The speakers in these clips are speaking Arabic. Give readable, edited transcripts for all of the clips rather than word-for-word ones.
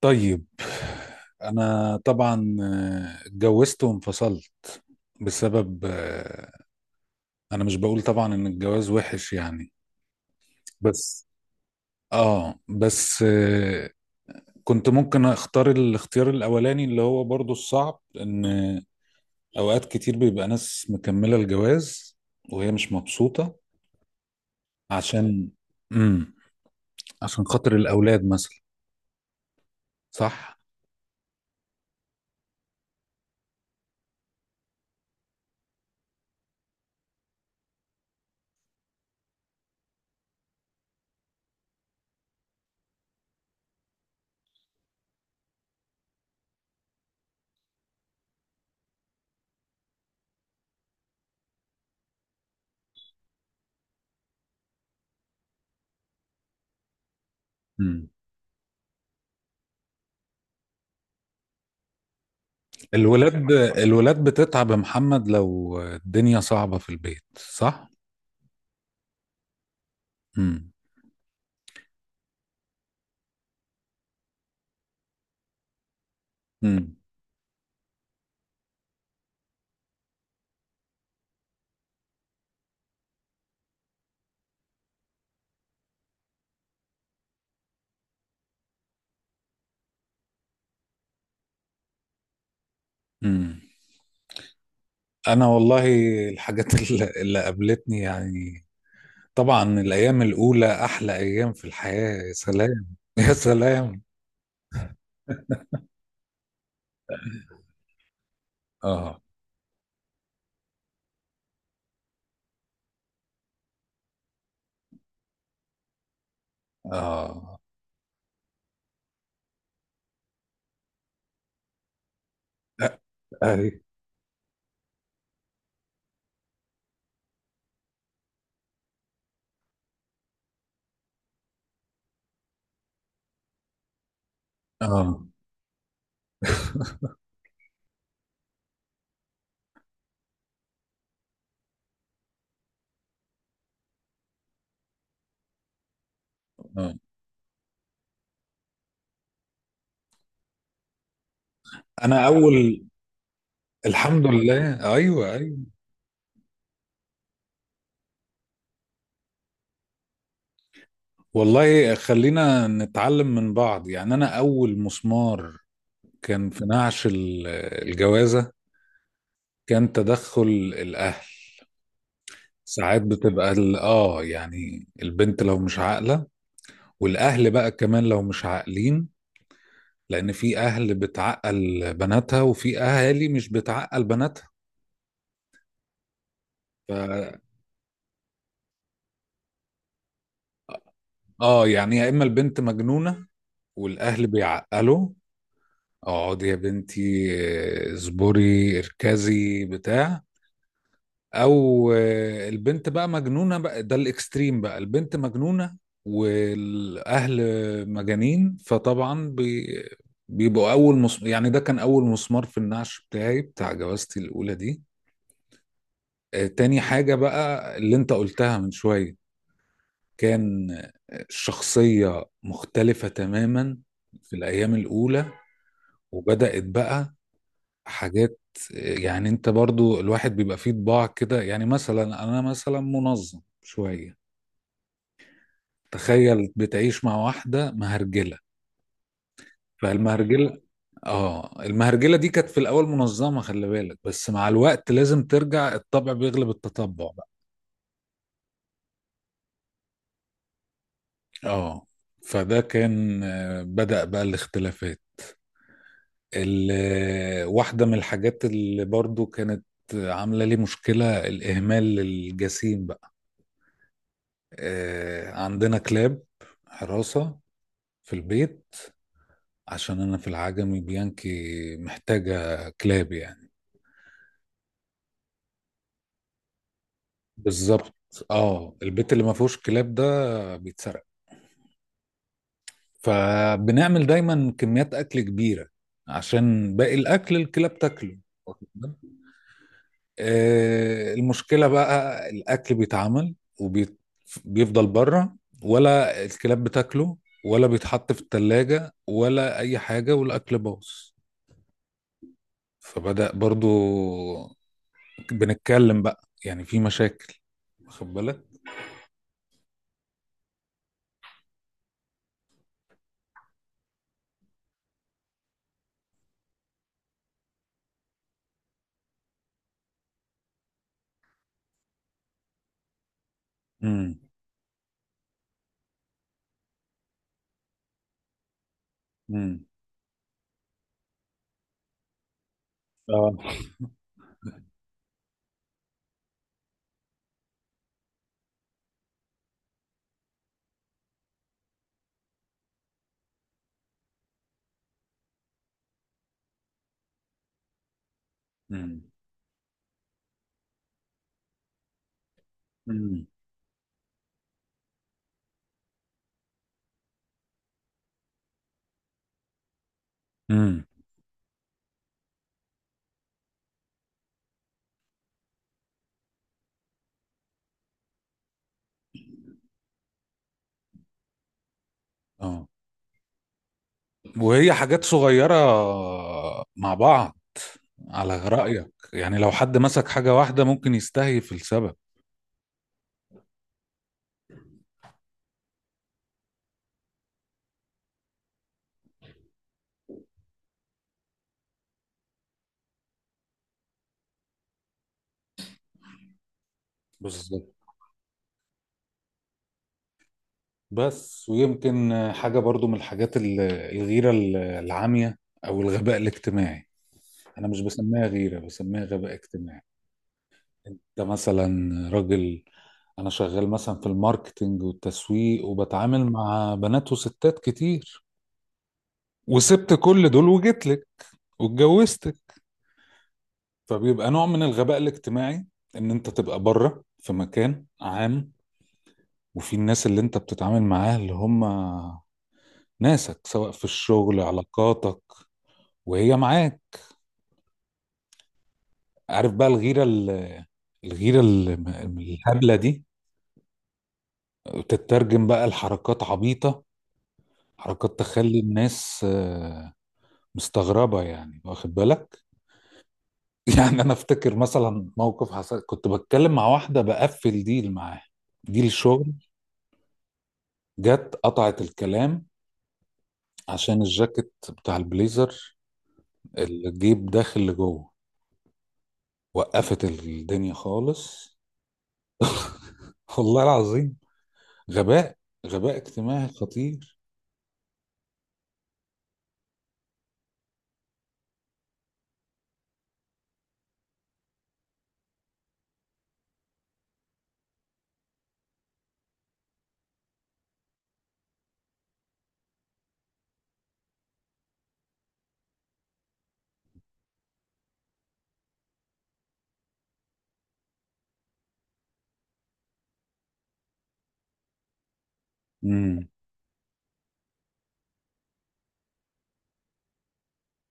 طيب. انا طبعا اتجوزت وانفصلت بسبب انا مش بقول طبعا ان الجواز وحش يعني. بس اه بس آه، كنت ممكن اختار الاختيار الاولاني اللي هو برضو الصعب، ان اوقات كتير بيبقى ناس مكملة الجواز وهي مش مبسوطة. عشان امم عشان خاطر الاولاد مثلا. صح. مم. الولاد الولاد بتتعب يا محمد لو الدنيا صعبة في البيت، صح؟ امم. امم. امم. انا والله الحاجات اللي قابلتني يعني. طبعا الايام الاولى احلى ايام في الحياة، يا سلام يا سلام. اه. اه. اي. اه. اه. انا اول الحمد لله، ايوه، ايوه. والله خلينا نتعلم من بعض يعني. انا اول مسمار كان في نعش الجوازة. كان تدخل الأهل. ساعات بتبقى يعني البنت لو مش عاقلة، والأهل بقى كمان لو مش عاقلين، لأن في أهل بتعقل بناتها وفي أهالي مش بتعقل بناتها. ف اه يعني يا إما البنت مجنونة والأهل بيعقلوا، اقعدي يا بنتي اصبري، اركزي، بتاع. او البنت بقى مجنونه، بقى ده الاكستريم بقى، البنت مجنونه والاهل مجانين. فطبعا بيبقوا اول يعني ده كان اول مسمار في النعش بتاعي، بتاع جوازتي الاولى دي. تاني حاجه بقى اللي انت قلتها من شويه، كان الشخصيه مختلفه تماما في الايام الاولى. وبدات بقى حاجات، يعني انت برضو الواحد بيبقى فيه طباع كده، يعني مثلا انا مثلا منظم شوية. تخيل بتعيش مع واحدة مهرجلة. فالمهرجلة اه المهرجلة دي كانت في الأول منظمة، خلي بالك، بس مع الوقت لازم ترجع، الطبع بيغلب التطبع بقى. اه. فده كان آه، بدأ بقى الاختلافات. واحدة من الحاجات اللي برضو كانت عاملة لي مشكلة، الإهمال الجسيم بقى. عندنا كلاب حراسة في البيت، عشان أنا في العجمي بيانكي محتاجة كلاب يعني. بالظبط. اه البيت اللي ما فيهوش كلاب ده بيتسرق. فبنعمل دايما كميات اكل كبيره، عشان باقي الاكل الكلاب تاكله. واخد بالك؟ المشكله بقى، الاكل بيتعمل وبيفضل بره، ولا الكلاب بتاكله، ولا بيتحط في التلاجة ولا اي حاجه، والاكل باظ. فبدأ برضو بنتكلم بقى، يعني في مشاكل. واخد بالك؟ امم. امم. اه. امم. امم. اه. وهي حاجات صغيرة مع بعض، على رأيك يعني، لو حد مسك حاجة واحدة ممكن يستهيف السبب. بالظبط. بس ويمكن حاجة برضو من الحاجات الغيرة العامية، أو الغباء الاجتماعي. أنا مش بسميها غيرة، بسميها غباء اجتماعي. أنت مثلا راجل، أنا شغال مثلا في الماركتينج والتسويق، وبتعامل مع بنات وستات كتير، وسبت كل دول وجيت لك، واتجوزت. فبيبقى نوع من الغباء الاجتماعي، ان انت تبقى بره في مكان عام، وفي الناس اللي انت بتتعامل معاها اللي هم ناسك، سواء في الشغل، علاقاتك، وهي معاك. عارف بقى الغيرة الغيرة الهبلة دي، تترجم بقى لحركات عبيطة، حركات تخلي الناس مستغربة يعني، واخد بالك؟ يعني انا افتكر مثلا موقف حصل، كنت بتكلم مع واحدة بقفل ديل معاها، ديل شغل. جت قطعت الكلام عشان الجاكيت بتاع البليزر، الجيب داخل لجوه. وقفت الدنيا خالص. والله العظيم. غباء. غباء اجتماعي خطير. امم.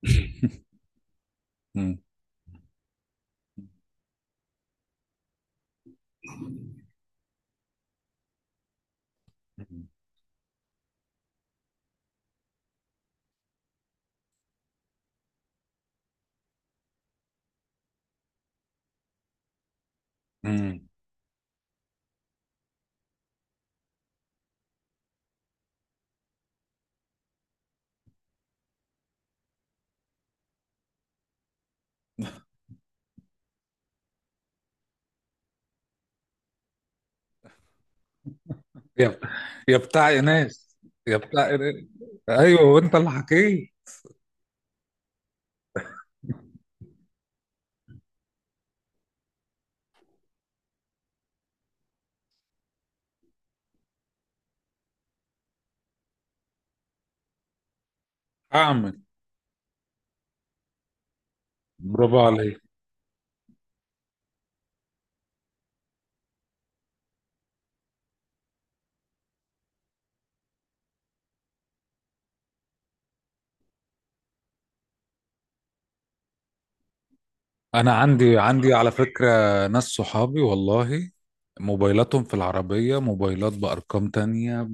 امم. امم. يا يا بتاع ناس، يا بتاع إناث. ايوه، وانت اللي حكيت. اعمل برافو عليك. انا عندي على فكره، ناس صحابي والله موبايلاتهم في العربيه، موبايلات بارقام تانية.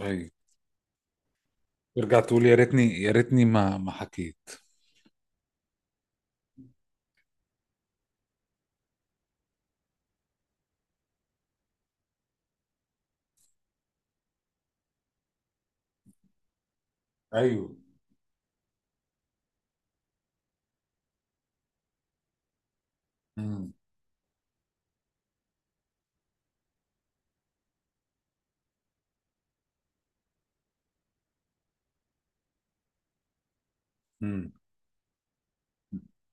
أيوة. ترجع تقول يا ريتني، يا ريتني ما حكيت. ايوه. مم. مم.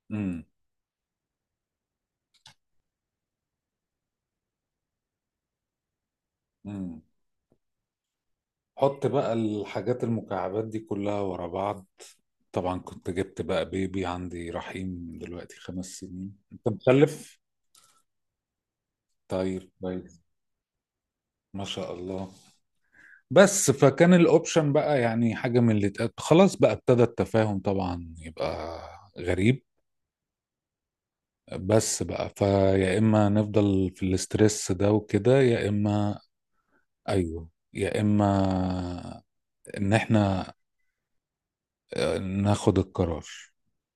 مم. مم. حط بقى الحاجات المكعبات دي كلها ورا بعض. طبعا كنت جبت بقى بيبي، عندي رحيم دلوقتي 5 سنين، انت مخلف؟ طيب، كويس. ما شاء الله. بس فكان الاوبشن بقى، يعني حاجة من اللي اتقال خلاص بقى، ابتدى التفاهم طبعا يبقى غريب. بس بقى فيا، اما نفضل في الاسترس ده وكده، يا اما. ايوه. يا اما ان احنا ناخد القرار.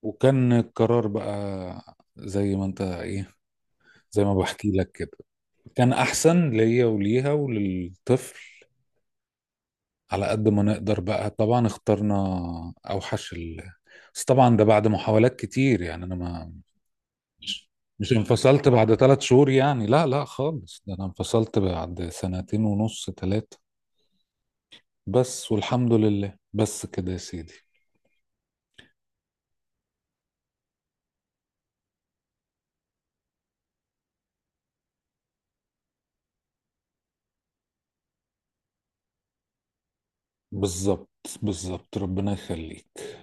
وكان القرار بقى، زي ما بحكي لك كده، كان احسن ليا وليها وللطفل، على قد ما نقدر بقى. طبعا اخترنا اوحش بس طبعا ده بعد محاولات كتير، يعني انا ما مش مش انفصلت بعد 3 شهور، يعني لا لا خالص. ده انا انفصلت بعد سنتين ونص، ثلاثة. بس والحمد لله، بس كده يا سيدي. بالظبط، بالظبط، ربنا يخليك.